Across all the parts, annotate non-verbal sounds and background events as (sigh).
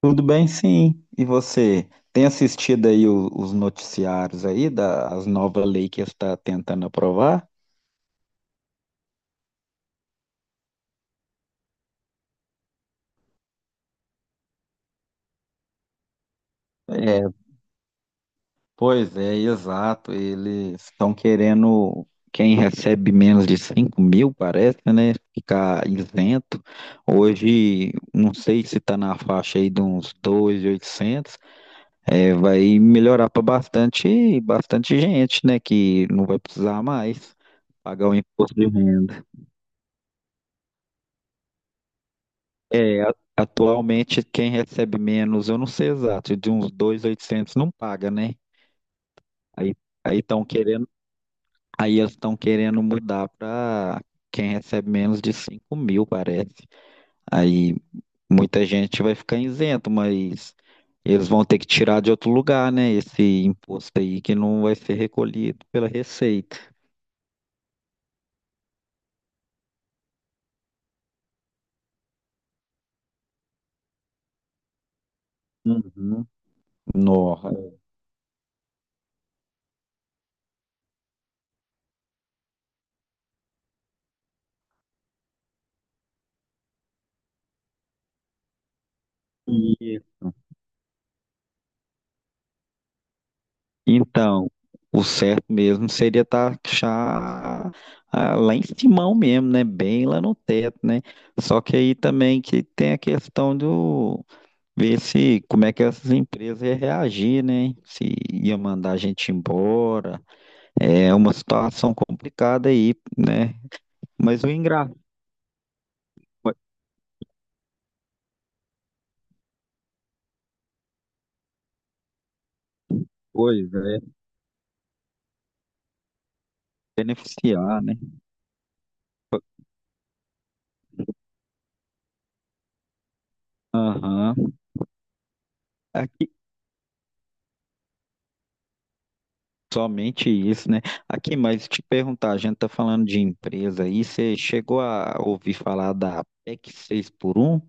Tudo bem, sim. E você tem assistido aí os noticiários aí das novas leis que está tentando aprovar? É, pois é, exato. Eles estão querendo quem recebe menos de 5 mil, parece, né? Ficar isento. Hoje, não sei se está na faixa aí de uns 2.800. É, vai melhorar para bastante gente, né? Que não vai precisar mais pagar o imposto de renda. Atualmente, quem recebe menos, eu não sei exato, de uns 2.800 não paga, né? Aí aí estão querendo, aí eles estão querendo mudar para quem recebe menos de 5 mil, parece. Aí muita gente vai ficar isento, mas eles vão ter que tirar de outro lugar, né? Esse imposto aí que não vai ser recolhido pela Receita. Uhum. No. Então, o certo mesmo seria taxar lá em cima mesmo, né? Bem lá no teto, né? Só que aí também que tem a questão do ver se como é que essas empresas iam reagir, né? Se ia mandar a gente embora. É uma situação complicada aí, né? Mas o engraçado, pois é, beneficiar, né? Aham. Somente isso, né? Aqui, mas te perguntar, a gente tá falando de empresa aí, você chegou a ouvir falar da PEC seis por um?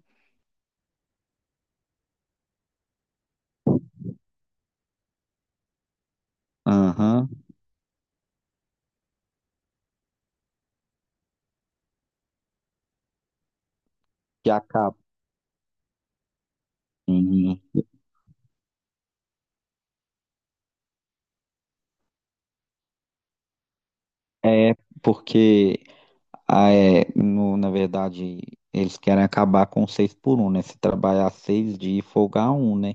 Aham, que acaba. em- É, porque, na verdade, eles querem acabar com o seis por um, né? Se trabalhar seis dias e folgar um, né?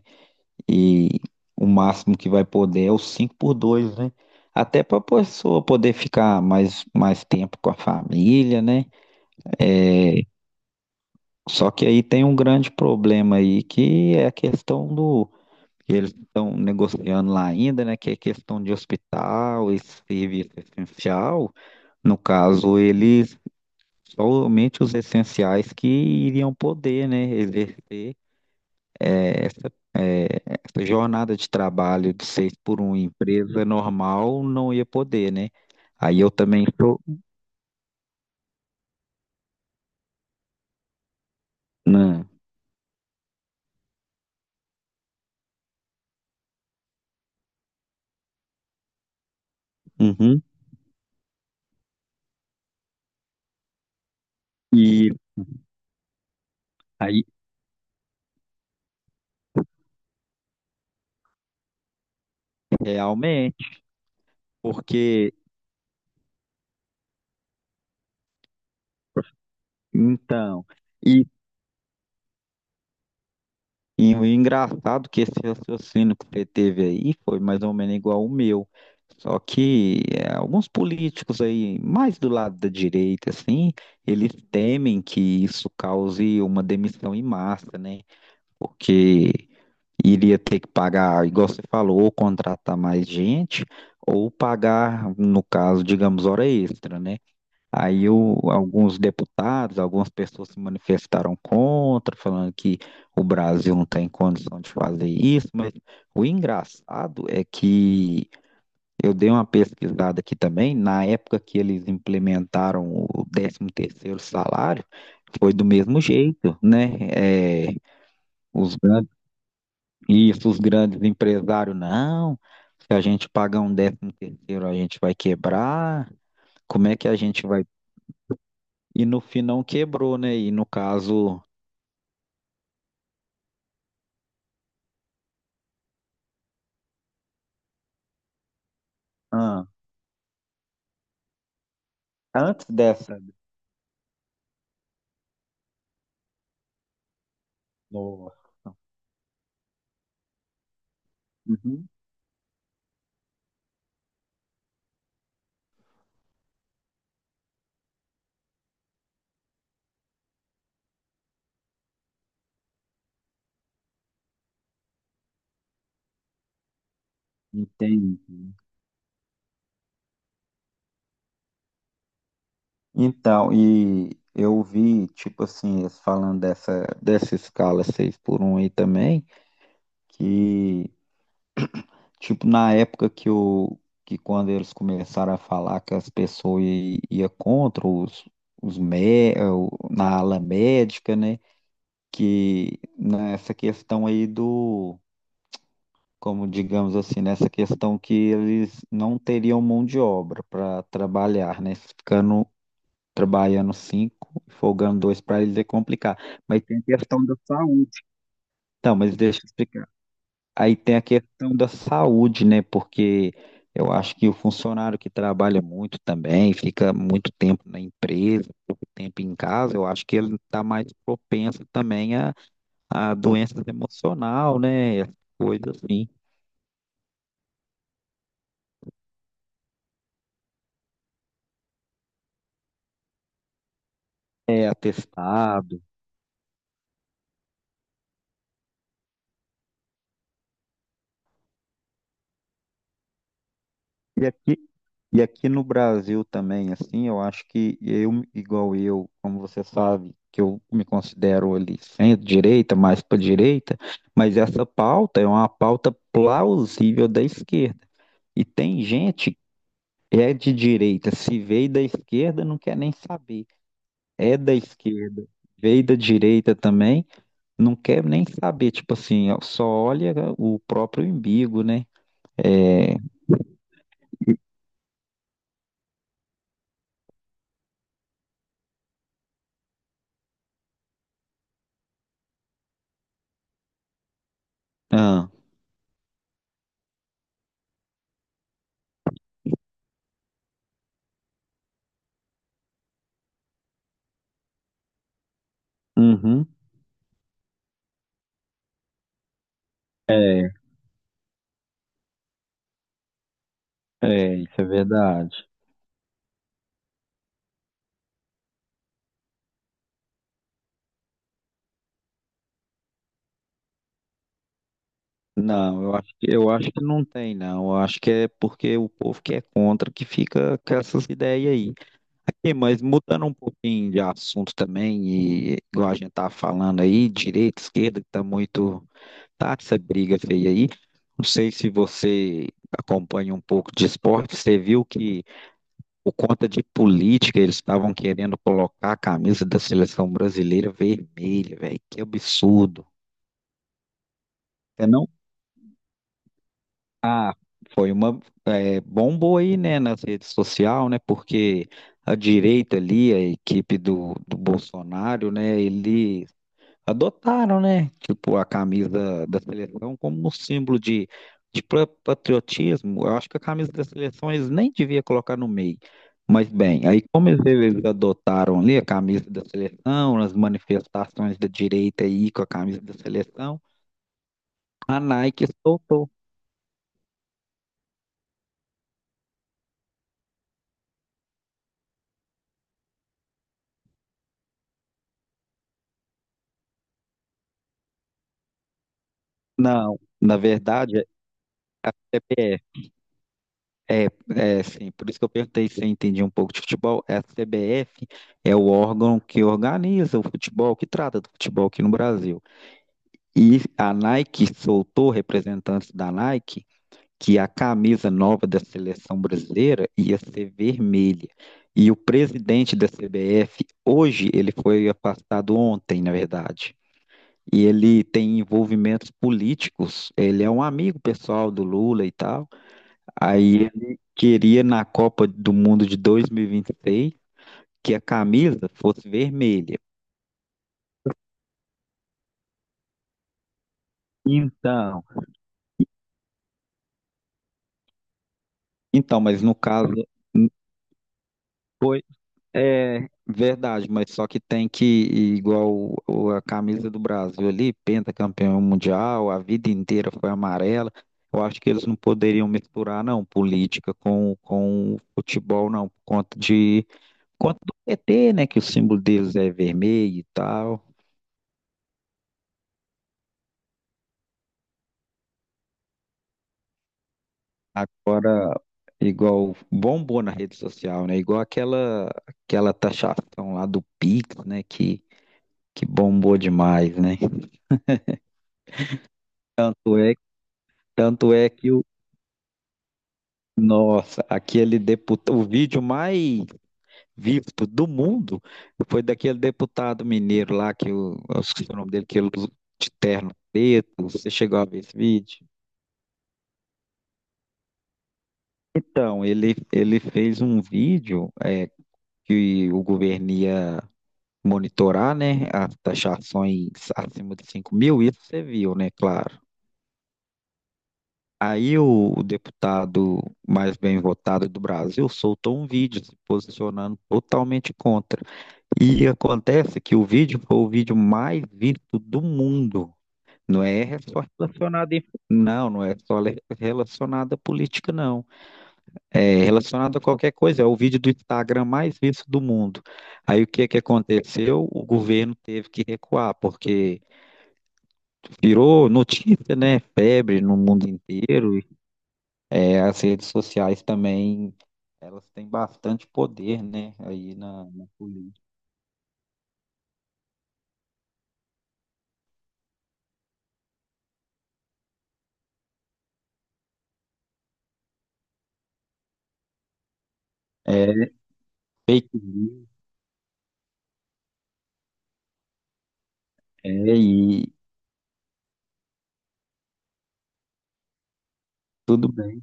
E o máximo que vai poder é o cinco por dois, né? Até para a pessoa poder ficar mais tempo com a família, né? Só que aí tem um grande problema aí, que é a questão do que eles estão negociando lá ainda, né? Que é questão de hospital e serviço essencial. No caso, eles somente os essenciais que iriam poder, né, exercer eh, essa, eh, essa jornada de trabalho de seis por um em empresa normal não ia poder, né? Aí eu também sou. Né? Uhum. E aí, realmente, porque então. E E o engraçado que esse raciocínio que você teve aí foi mais ou menos igual o meu. Só que é, alguns políticos aí, mais do lado da direita, assim, eles temem que isso cause uma demissão em massa, né? Porque iria ter que pagar, igual você falou, ou contratar mais gente, ou pagar, no caso, digamos, hora extra, né? Aí alguns deputados, algumas pessoas se manifestaram contra, falando que o Brasil não tem condição de fazer isso, mas o engraçado é que eu dei uma pesquisada aqui também, na época que eles implementaram o décimo terceiro salário, foi do mesmo jeito, né? É, os grandes, isso, os grandes empresários, não, se a gente pagar um décimo terceiro, a gente vai quebrar, como é que a gente vai E no fim não quebrou, né? E no caso. Ah, antes dessa nova. Uhum. Entendi. Então, e eu vi, tipo assim, eles falando dessa escala 6 por um aí também, que, tipo, na época que o que quando eles começaram a falar que as pessoas ia contra os mé, na ala médica, né? Que nessa questão aí do como digamos assim, nessa questão que eles não teriam mão de obra para trabalhar, né? Ficando trabalhando cinco, folgando dois para eles é complicado. Mas tem a questão da saúde. Então, mas deixa eu explicar. Aí tem a questão da saúde, né? Porque eu acho que o funcionário que trabalha muito também, fica muito tempo na empresa, pouco tempo em casa, eu acho que ele está mais propenso também a doenças emocional, né? Coisas assim. É, atestado E aqui, e aqui no Brasil também, assim, eu acho que eu, igual eu, como você sabe, que eu me considero ali centro-direita, mais para direita, mas essa pauta é uma pauta plausível da esquerda. E tem gente que é de direita, se veio da esquerda, não quer nem saber. É da esquerda, veio da direita também, não quer nem saber. Tipo assim, ó, só olha o próprio umbigo, né? É. Ah, uhum. É. É, isso é verdade. Não, eu acho que não tem, não. Eu acho que é porque o povo que é contra que fica com essas ideias aí. Aqui, mas mudando um pouquinho de assunto também, e igual a gente tá falando aí, direita, esquerda, que tá muito. Tá essa briga feia aí. Não sei se você acompanha um pouco de esporte, você viu que por conta de política eles estavam querendo colocar a camisa da seleção brasileira vermelha, velho. Que absurdo. Você não. Foi uma bombou aí, né, nas redes sociais, né, porque a direita ali, a equipe do Bolsonaro, né, eles adotaram, né, tipo, a camisa da seleção como um símbolo de, patriotismo. Eu acho que a camisa da seleção eles nem deviam colocar no meio. Mas bem, aí como eles adotaram ali a camisa da seleção, nas manifestações da direita aí com a camisa da seleção, a Nike soltou. Não, na verdade, é CPF. É, é, sim, por isso que eu perguntei se eu entendi um pouco de futebol. É A CBF é o órgão que organiza o futebol, que trata do futebol aqui no Brasil. E a Nike soltou representantes da Nike que a camisa nova da seleção brasileira ia ser vermelha. E o presidente da CBF, hoje, ele foi afastado ontem, na verdade. E ele tem envolvimentos políticos, ele é um amigo pessoal do Lula e tal. Aí ele queria na Copa do Mundo de 2026 que a camisa fosse vermelha. Então, então, mas no caso n- foi é verdade, mas só que tem que a camisa do Brasil ali, pentacampeão mundial, a vida inteira foi amarela. Eu acho que eles não poderiam misturar não política com futebol não, por conta de por conta do PT, né, que o símbolo deles é vermelho e tal. Agora, igual bombou na rede social, né? Igual aquela taxação lá do Pix, né? Que bombou demais, né? Tanto é, tanto é que o nossa, aquele deputado, o vídeo mais visto do mundo foi daquele deputado mineiro lá que o, eu esqueci o nome dele, que ele de terno preto. Você chegou a ver esse vídeo? Então, ele fez um vídeo que o governo ia monitorar, né, as taxações acima de 5 mil, isso você viu, né, claro. Aí o deputado mais bem votado do Brasil soltou um vídeo se posicionando totalmente contra. E acontece que o vídeo foi o vídeo mais visto do mundo. Não é só relacionado em... Não, não é só relacionado à política, não. É relacionado a qualquer coisa. É o vídeo do Instagram mais visto do mundo. Aí o que é que aconteceu? O governo teve que recuar, porque virou notícia, né? Febre no mundo inteiro. E, é, as redes sociais também, elas têm bastante poder, né? Aí na política. É, fake news, é, e tudo bem.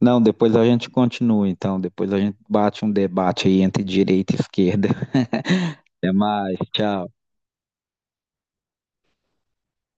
Não, depois a gente continua, então. Depois a gente bate um debate aí entre direita e esquerda. (laughs) Até mais, tchau.